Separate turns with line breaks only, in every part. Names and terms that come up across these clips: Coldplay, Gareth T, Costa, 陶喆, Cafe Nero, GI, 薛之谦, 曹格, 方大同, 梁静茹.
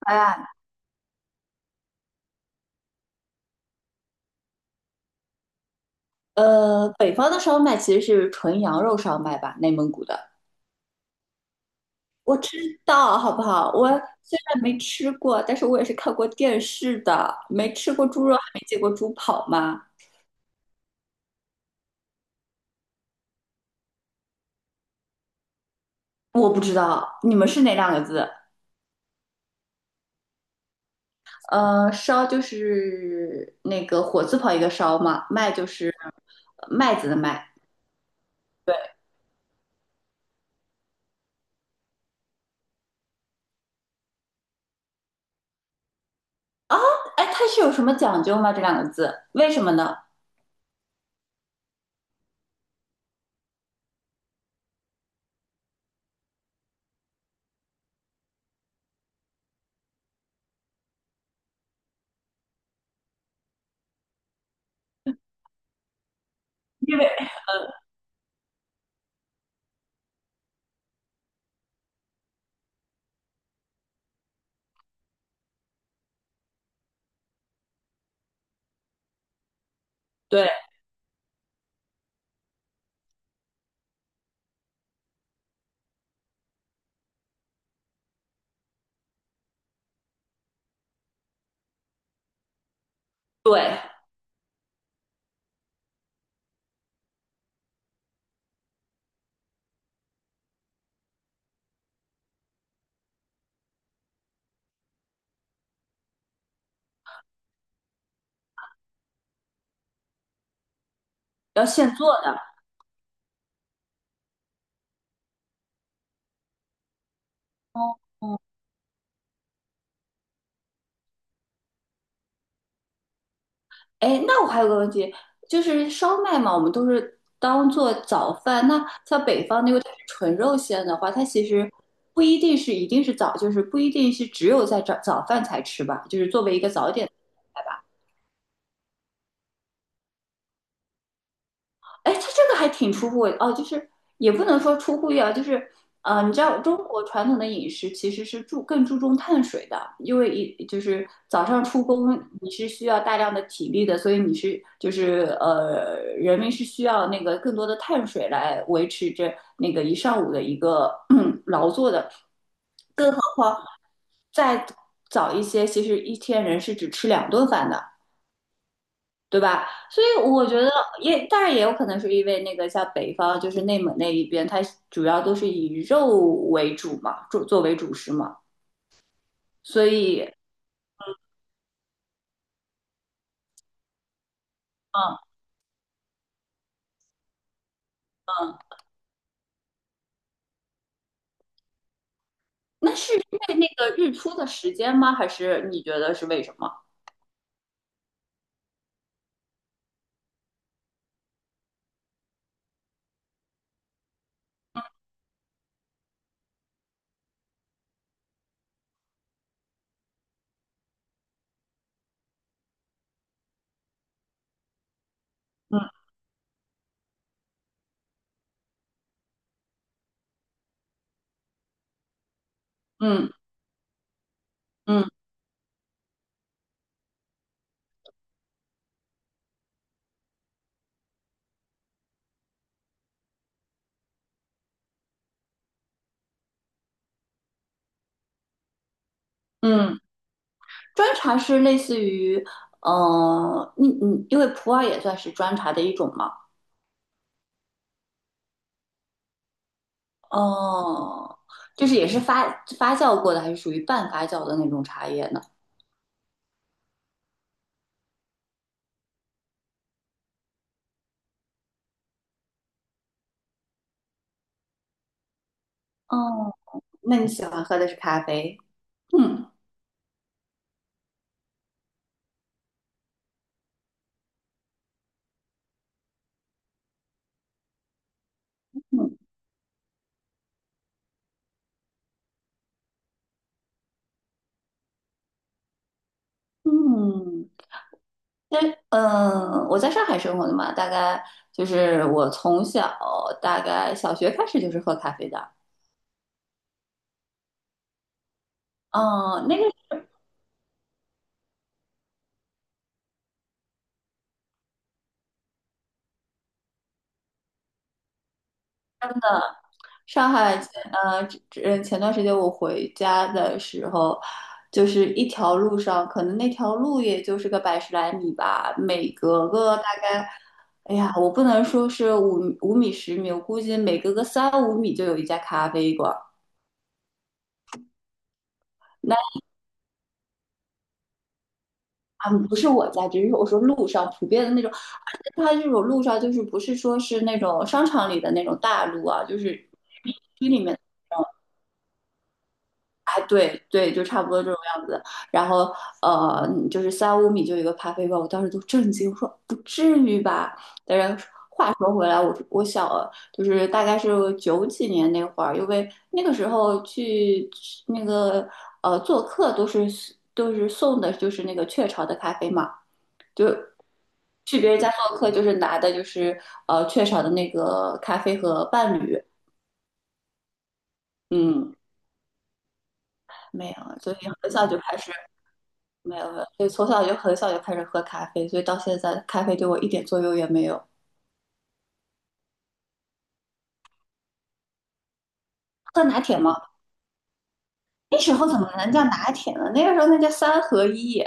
哎，北方的烧麦其实是纯羊肉烧麦吧，内蒙古的。我知道，好不好？我虽然没吃过，但是我也是看过电视的。没吃过猪肉，还没见过猪跑吗？我不知道，你们是哪两个字？烧就是那个火字旁一个烧嘛，麦就是麦子的麦。对，哎，它是有什么讲究吗？这两个字，为什么呢？因为对对，要现做的。哎，那我还有个问题，就是烧麦嘛，我们都是当做早饭。那像北方那个纯肉馅的话，它其实不一定是早，就是不一定是只有在早饭才吃吧，就是作为一个早点。吧。哎，它这个还挺出乎我哦，就是也不能说出乎意料，就是你知道中国传统的饮食其实是更注重碳水的，因为就是早上出工你是需要大量的体力的，所以就是人民是需要那个更多的碳水来维持着那个一上午的一个劳作的。更好，再早一些，其实一天人是只吃2顿饭的，对吧？所以我觉得也，当然也有可能是因为那个像北方，就是内蒙那一边，它主要都是以肉为主嘛，作为主食嘛，所以，嗯，那是因为那个日出的时间吗？还是你觉得是为什么？嗯嗯嗯嗯，砖茶是类似于，嗯嗯，你因为普洱也算是砖茶的一种嘛，哦，就是也是发酵过的，还是属于半发酵的那种茶叶呢？哦，那你喜欢喝的是咖啡？嗯嗯嗯，那我在上海生活的嘛，大概就是我从小大概小学开始就是喝咖啡的。嗯，那个上海前段时间我回家的时候，就是一条路上，可能那条路也就是个百十来米吧，每隔个大概，哎呀，我不能说是五米10米，我估计每隔个三五米就有一家咖啡馆。啊，不是我家，只是我说路上普遍的那种，而且它这种路上就是不是说是那种商场里的那种大路啊，就是区里面，哎，对对，就差不多这种样子。然后就是三五米就有一个咖啡馆，我当时都震惊，我说不至于吧？但是话说回来，我我小就是大概是九几年那会儿，因为那个时候去那个做客都是送的就是那个雀巢的咖啡嘛。就去别人家做客，就是拿的就是雀巢的那个咖啡和伴侣，嗯，没有，所以很小就开始没有，没有，所以从小就很小就开始喝咖啡，所以到现在咖啡对我一点作用也没有。喝拿铁吗？那时候怎么能叫拿铁呢？那个时候那叫三合一，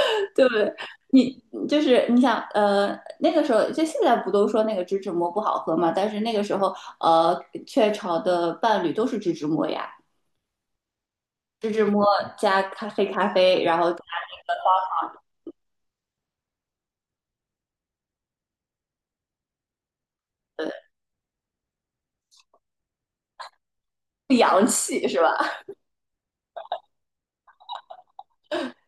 对不对？你就是你想，那个时候就现在不都说那个植脂末不好喝嘛？但是那个时候，雀巢的伴侣都是植脂末呀。芝摸加黑咖啡，然后呃，不洋气是吧？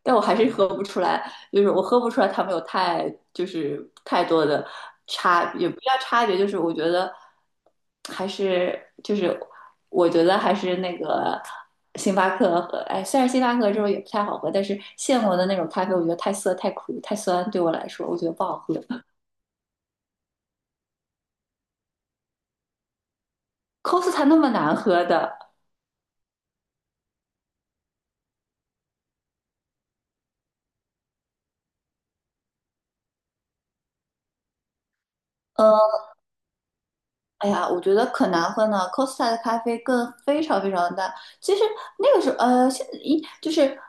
但我还是喝不出来，就是我喝不出来他们有太就是太多的差，也不叫差别，还是就是我觉得还是那个星巴克和哎，虽然星巴克这种也不太好喝，但是现磨的那种咖啡，我觉得太涩、太苦、太酸，对我来说，我觉得不好喝。Costa 那么难喝的，呃。哎呀，我觉得可难喝呢，Costa 的咖啡更非常非常大。其实那个时候，就是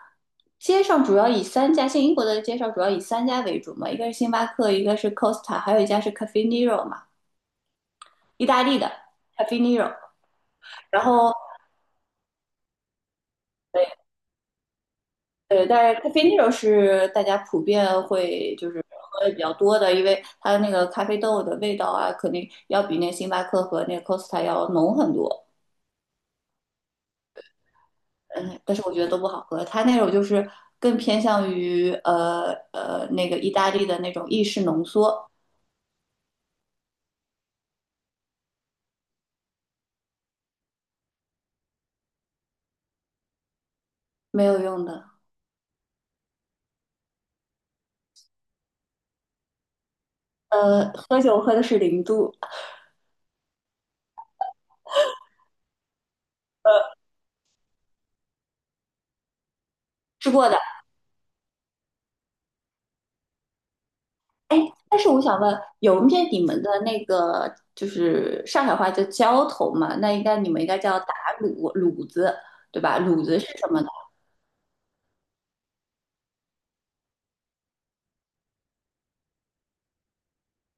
街上主要以三家，现在英国的街上主要以三家为主嘛，一个是星巴克，一个是 Costa,还有一家是 Cafe Nero 嘛，意大利的 Cafe Nero。然后，对对，但是 Cafe Nero 是大家普遍会就是喝的比较多的，因为它的那个咖啡豆的味道啊，肯定要比那星巴克和那个 Costa 要浓很多。嗯，但是我觉得都不好喝。它那种就是更偏向于那个意大利的那种意式浓缩，没有用的。喝酒喝的是0度，吃过的。但是我想问，有面你们的那个就是上海话叫浇头嘛？那应该你们应该叫打卤卤子，对吧？卤子是什么呢？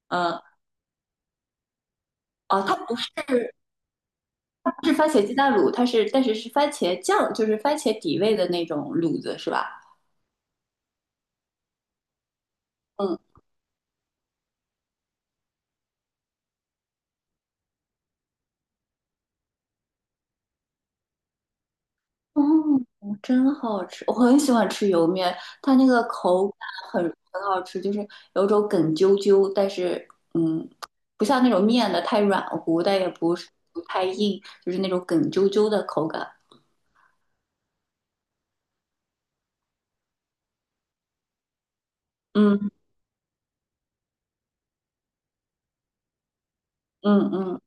嗯、哦，它不是番茄鸡蛋卤，但是是番茄酱，就是番茄底味的那种卤子，是吧？嗯。哦，真好吃！我很喜欢吃油面，它那个口感很很好吃，就是有种梗啾啾，但是嗯，不像那种面的太软乎，但也不是不太硬，就是那种梗啾啾的口感。嗯嗯嗯，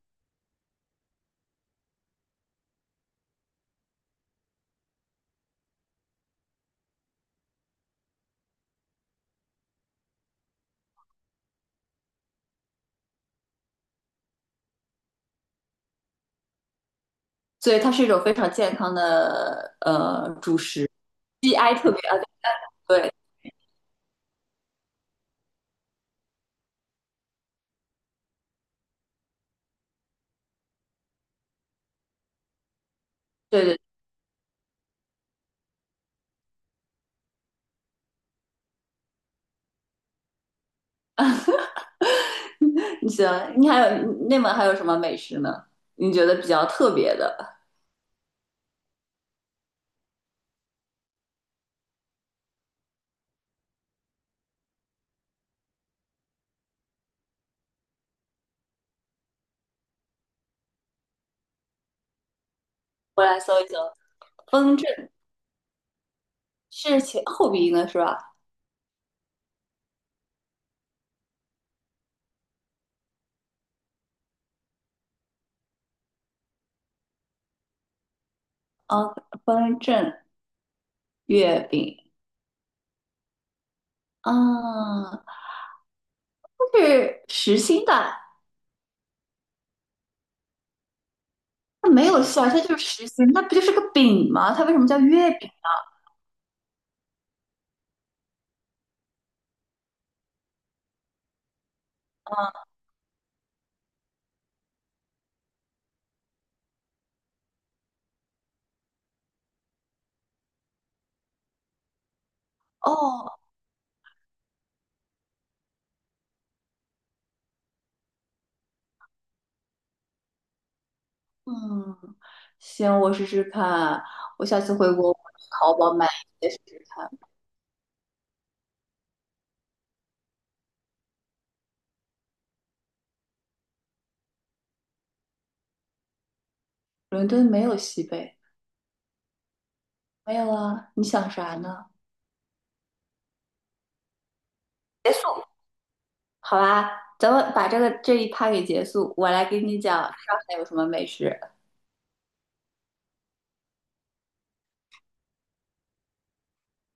所以它是一种非常健康的主食，GI 特别啊，对对对，你喜欢？你内蒙还有什么美食呢？你觉得比较特别的？我来搜一搜，风筝是前后鼻音的是吧？啊，风筝月饼啊，它是实心的，它没有馅儿，它就是实心，那不就是个饼吗？它为什么叫月饼？啊，哦，嗯，行，我试试看，我下次回国我去淘宝买一些试试看。伦敦没有西贝，没有啊，你想啥呢？结束，好吧，咱们把这一趴给结束。我来给你讲上海有什么美食。